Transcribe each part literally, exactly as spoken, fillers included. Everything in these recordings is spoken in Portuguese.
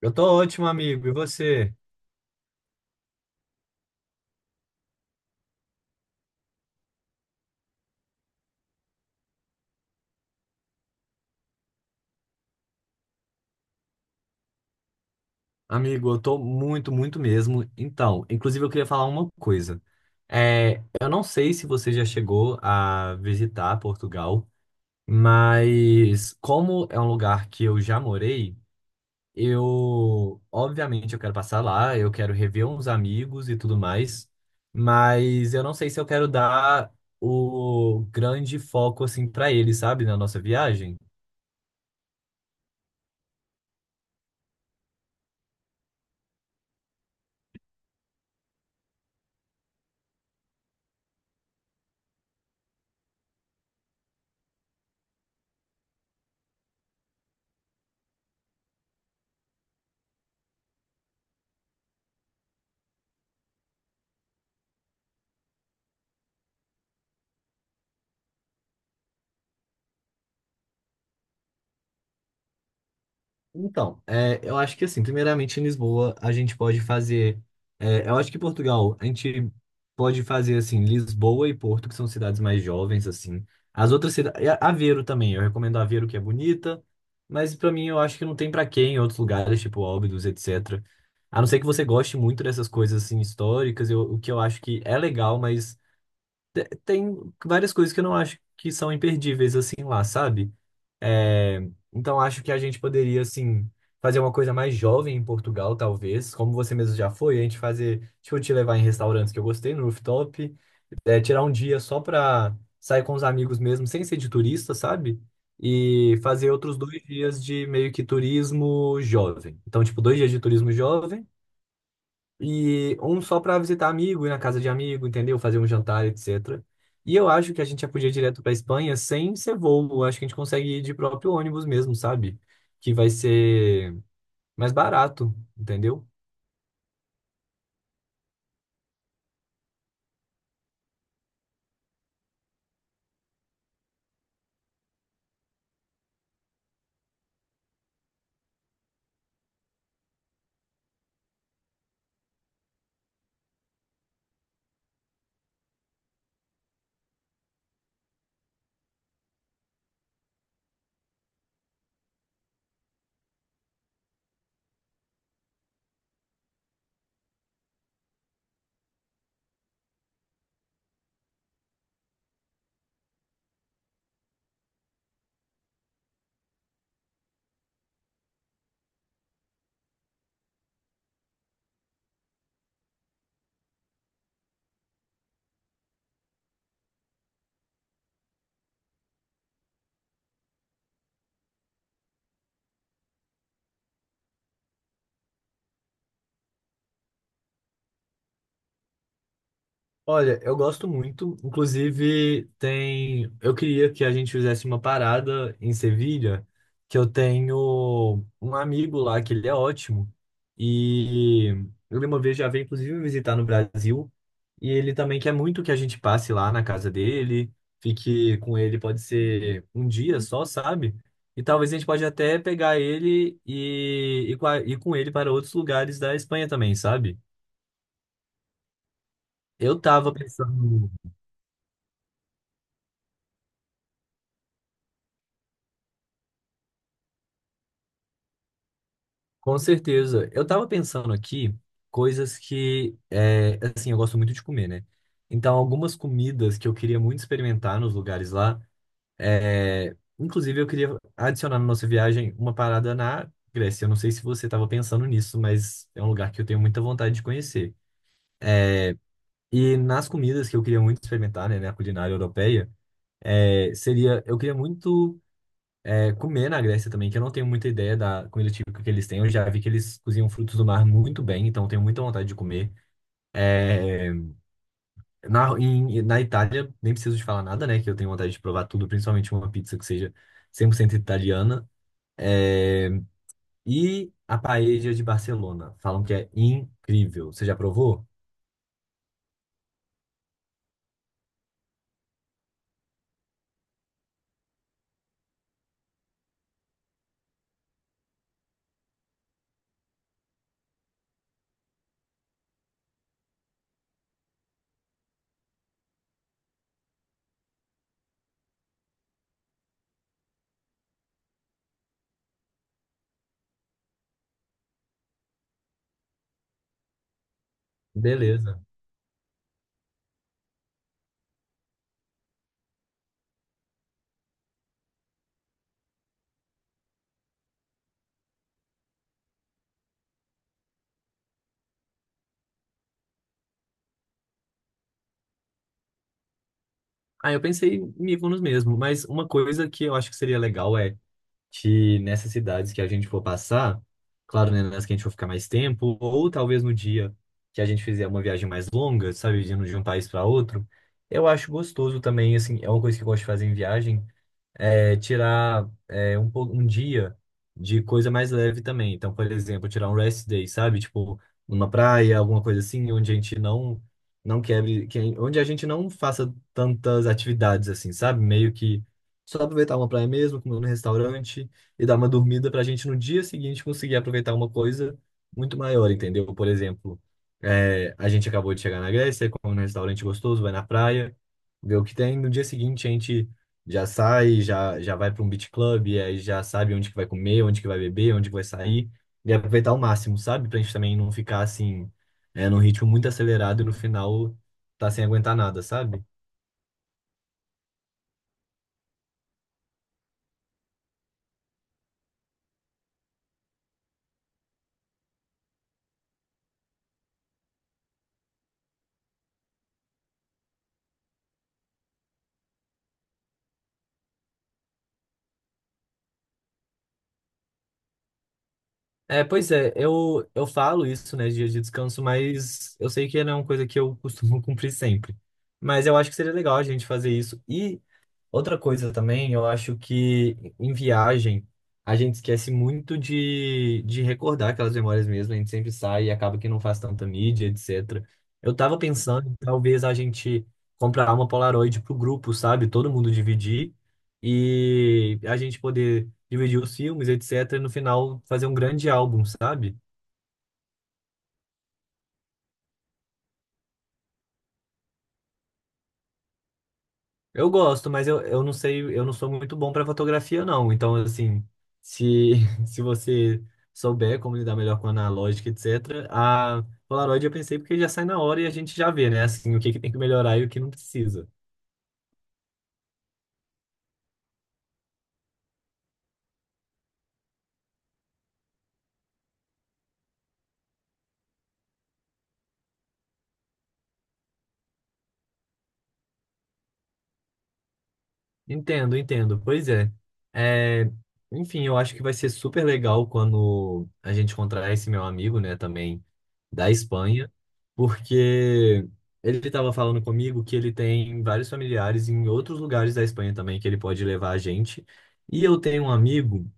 Eu tô ótimo, amigo. E você? Amigo, eu tô muito, muito mesmo. Então, inclusive eu queria falar uma coisa. É, eu não sei se você já chegou a visitar Portugal, mas como é um lugar que eu já morei, eu, obviamente, eu quero passar lá, eu quero rever uns amigos e tudo mais, mas eu não sei se eu quero dar o grande foco assim para eles, sabe, na nossa viagem. Então, é, eu acho que assim, primeiramente em Lisboa a gente pode fazer. É, eu acho que em Portugal a gente pode fazer assim, Lisboa e Porto, que são cidades mais jovens, assim. As outras cidades. Aveiro também, eu recomendo Aveiro, que é bonita, mas pra mim eu acho que não tem pra quem em outros lugares, tipo Óbidos, etecetera. A não ser que você goste muito dessas coisas assim históricas, eu- o que eu acho que é legal, mas te- tem várias coisas que eu não acho que são imperdíveis assim lá, sabe? É, então acho que a gente poderia assim fazer uma coisa mais jovem em Portugal, talvez, como você mesmo já foi, a gente fazer, tipo, te levar em restaurantes que eu gostei no rooftop, é, tirar um dia só pra sair com os amigos mesmo, sem ser de turista, sabe? E fazer outros dois dias de meio que turismo jovem. Então, tipo, dois dias de turismo jovem e um só para visitar amigo, ir na casa de amigo, entendeu? Fazer um jantar, etecetera. E eu acho que a gente já podia ir direto para Espanha sem ser voo. Eu acho que a gente consegue ir de próprio ônibus mesmo, sabe? Que vai ser mais barato, entendeu? Olha, eu gosto muito. Inclusive, tem. Eu queria que a gente fizesse uma parada em Sevilha, que eu tenho um amigo lá que ele é ótimo. E ele uma vez já veio, inclusive, me visitar no Brasil. E ele também quer muito que a gente passe lá na casa dele, fique com ele, pode ser um dia só, sabe? E talvez a gente pode até pegar ele e e com a- ir com ele para outros lugares da Espanha também, sabe? Eu tava pensando. Com certeza. Eu tava pensando aqui coisas que, é, assim, eu gosto muito de comer, né? Então, algumas comidas que eu queria muito experimentar nos lugares lá. É, inclusive, eu queria adicionar na nossa viagem uma parada na Grécia. Eu não sei se você tava pensando nisso, mas é um lugar que eu tenho muita vontade de conhecer. E nas comidas que eu queria muito experimentar, né, na culinária europeia, é, seria, eu queria muito. É, comer na Grécia também, que eu não tenho muita ideia da comida típica que eles têm. Eu já vi que eles cozinham frutos do mar muito bem, então eu tenho muita vontade de comer. É, na, em- Na Itália, nem preciso de falar nada, né? Que eu tenho vontade de provar tudo, principalmente uma pizza que seja cem por cento italiana. É, e a paella de Barcelona. Falam que é incrível. Você já provou? Beleza. Ah, eu pensei em Mykonos mesmo, mas uma coisa que eu acho que seria legal é que nessas cidades que a gente for passar, claro, né, nas que a gente for ficar mais tempo, ou talvez no dia que a gente fizer uma viagem mais longa, sabe, de um de um país para outro, eu acho gostoso também, assim, é uma coisa que eu gosto de fazer em viagem, é, tirar é, um, pou- um dia de coisa mais leve também. Então, por exemplo, tirar um rest day, sabe? Tipo, numa praia, alguma coisa assim, onde a gente não não quebre, que- onde a gente não faça tantas atividades assim, sabe? Meio que só aproveitar uma praia mesmo, comer no restaurante e dar uma dormida pra gente no dia seguinte conseguir aproveitar uma coisa muito maior, entendeu? Por exemplo, é, a gente acabou de chegar na Grécia, come num restaurante gostoso, vai na praia, vê o que tem. No dia seguinte, a gente já sai, já, já vai para um beach club, e aí já sabe onde que vai comer, onde que vai beber, onde que vai sair, e aproveitar ao máximo, sabe? Pra gente também não ficar assim, é, num ritmo muito acelerado e no final tá sem aguentar nada, sabe? É, pois é, eu, eu falo isso, né, dias de descanso, mas eu sei que não é uma coisa que eu costumo cumprir sempre. Mas eu acho que seria legal a gente fazer isso. E outra coisa também, eu acho que em viagem a gente esquece muito de, de recordar aquelas memórias mesmo, a gente sempre sai e acaba que não faz tanta mídia, etecetera. Eu tava pensando em talvez a gente comprar uma Polaroid pro grupo, sabe? Todo mundo dividir e a gente poder dividir os filmes, etecetera. E no final fazer um grande álbum, sabe? Eu gosto, mas eu, eu não sei, eu não sou muito bom para fotografia, não. Então, assim, se, se você souber como lidar melhor com analógica, etecetera, a Polaroid eu pensei porque já sai na hora e a gente já vê, né? Assim, o que que tem que melhorar e o que não precisa. Entendo, entendo. Pois é. É, Enfim, eu acho que vai ser super legal quando a gente encontrar esse meu amigo, né, também da Espanha, porque ele estava falando comigo que ele tem vários familiares em outros lugares da Espanha também que ele pode levar a gente. E eu tenho um amigo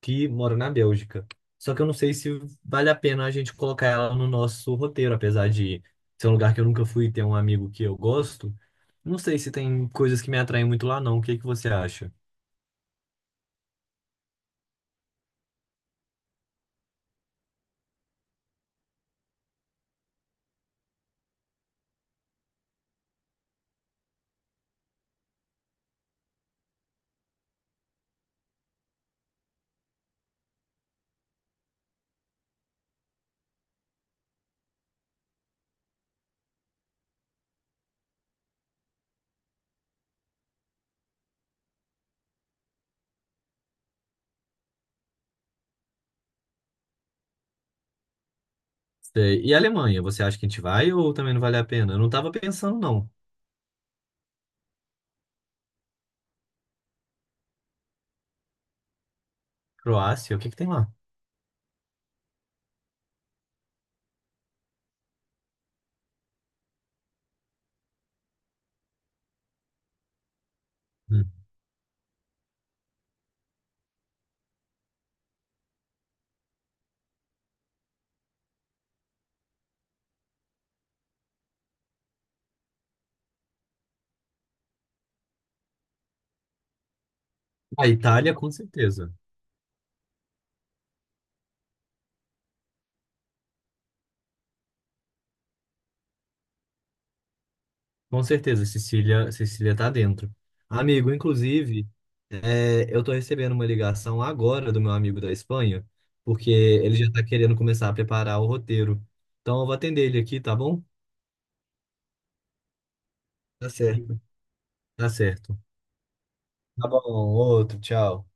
que mora na Bélgica. Só que eu não sei se vale a pena a gente colocar ela no nosso roteiro, apesar de ser um lugar que eu nunca fui e ter um amigo que eu gosto. Não sei se tem coisas que me atraem muito lá, não. O que que você acha? Sei. E a Alemanha, você acha que a gente vai ou também não vale a pena? Eu não tava pensando, não. Croácia, o que que tem lá? Hum. A Itália, com certeza. Com certeza, Cecília, Cecília tá dentro. Amigo, inclusive, é, eu tô recebendo uma ligação agora do meu amigo da Espanha, porque ele já tá querendo começar a preparar o roteiro. Então eu vou atender ele aqui, tá bom? Tá certo. Tá certo. Tá bom, outro, tchau.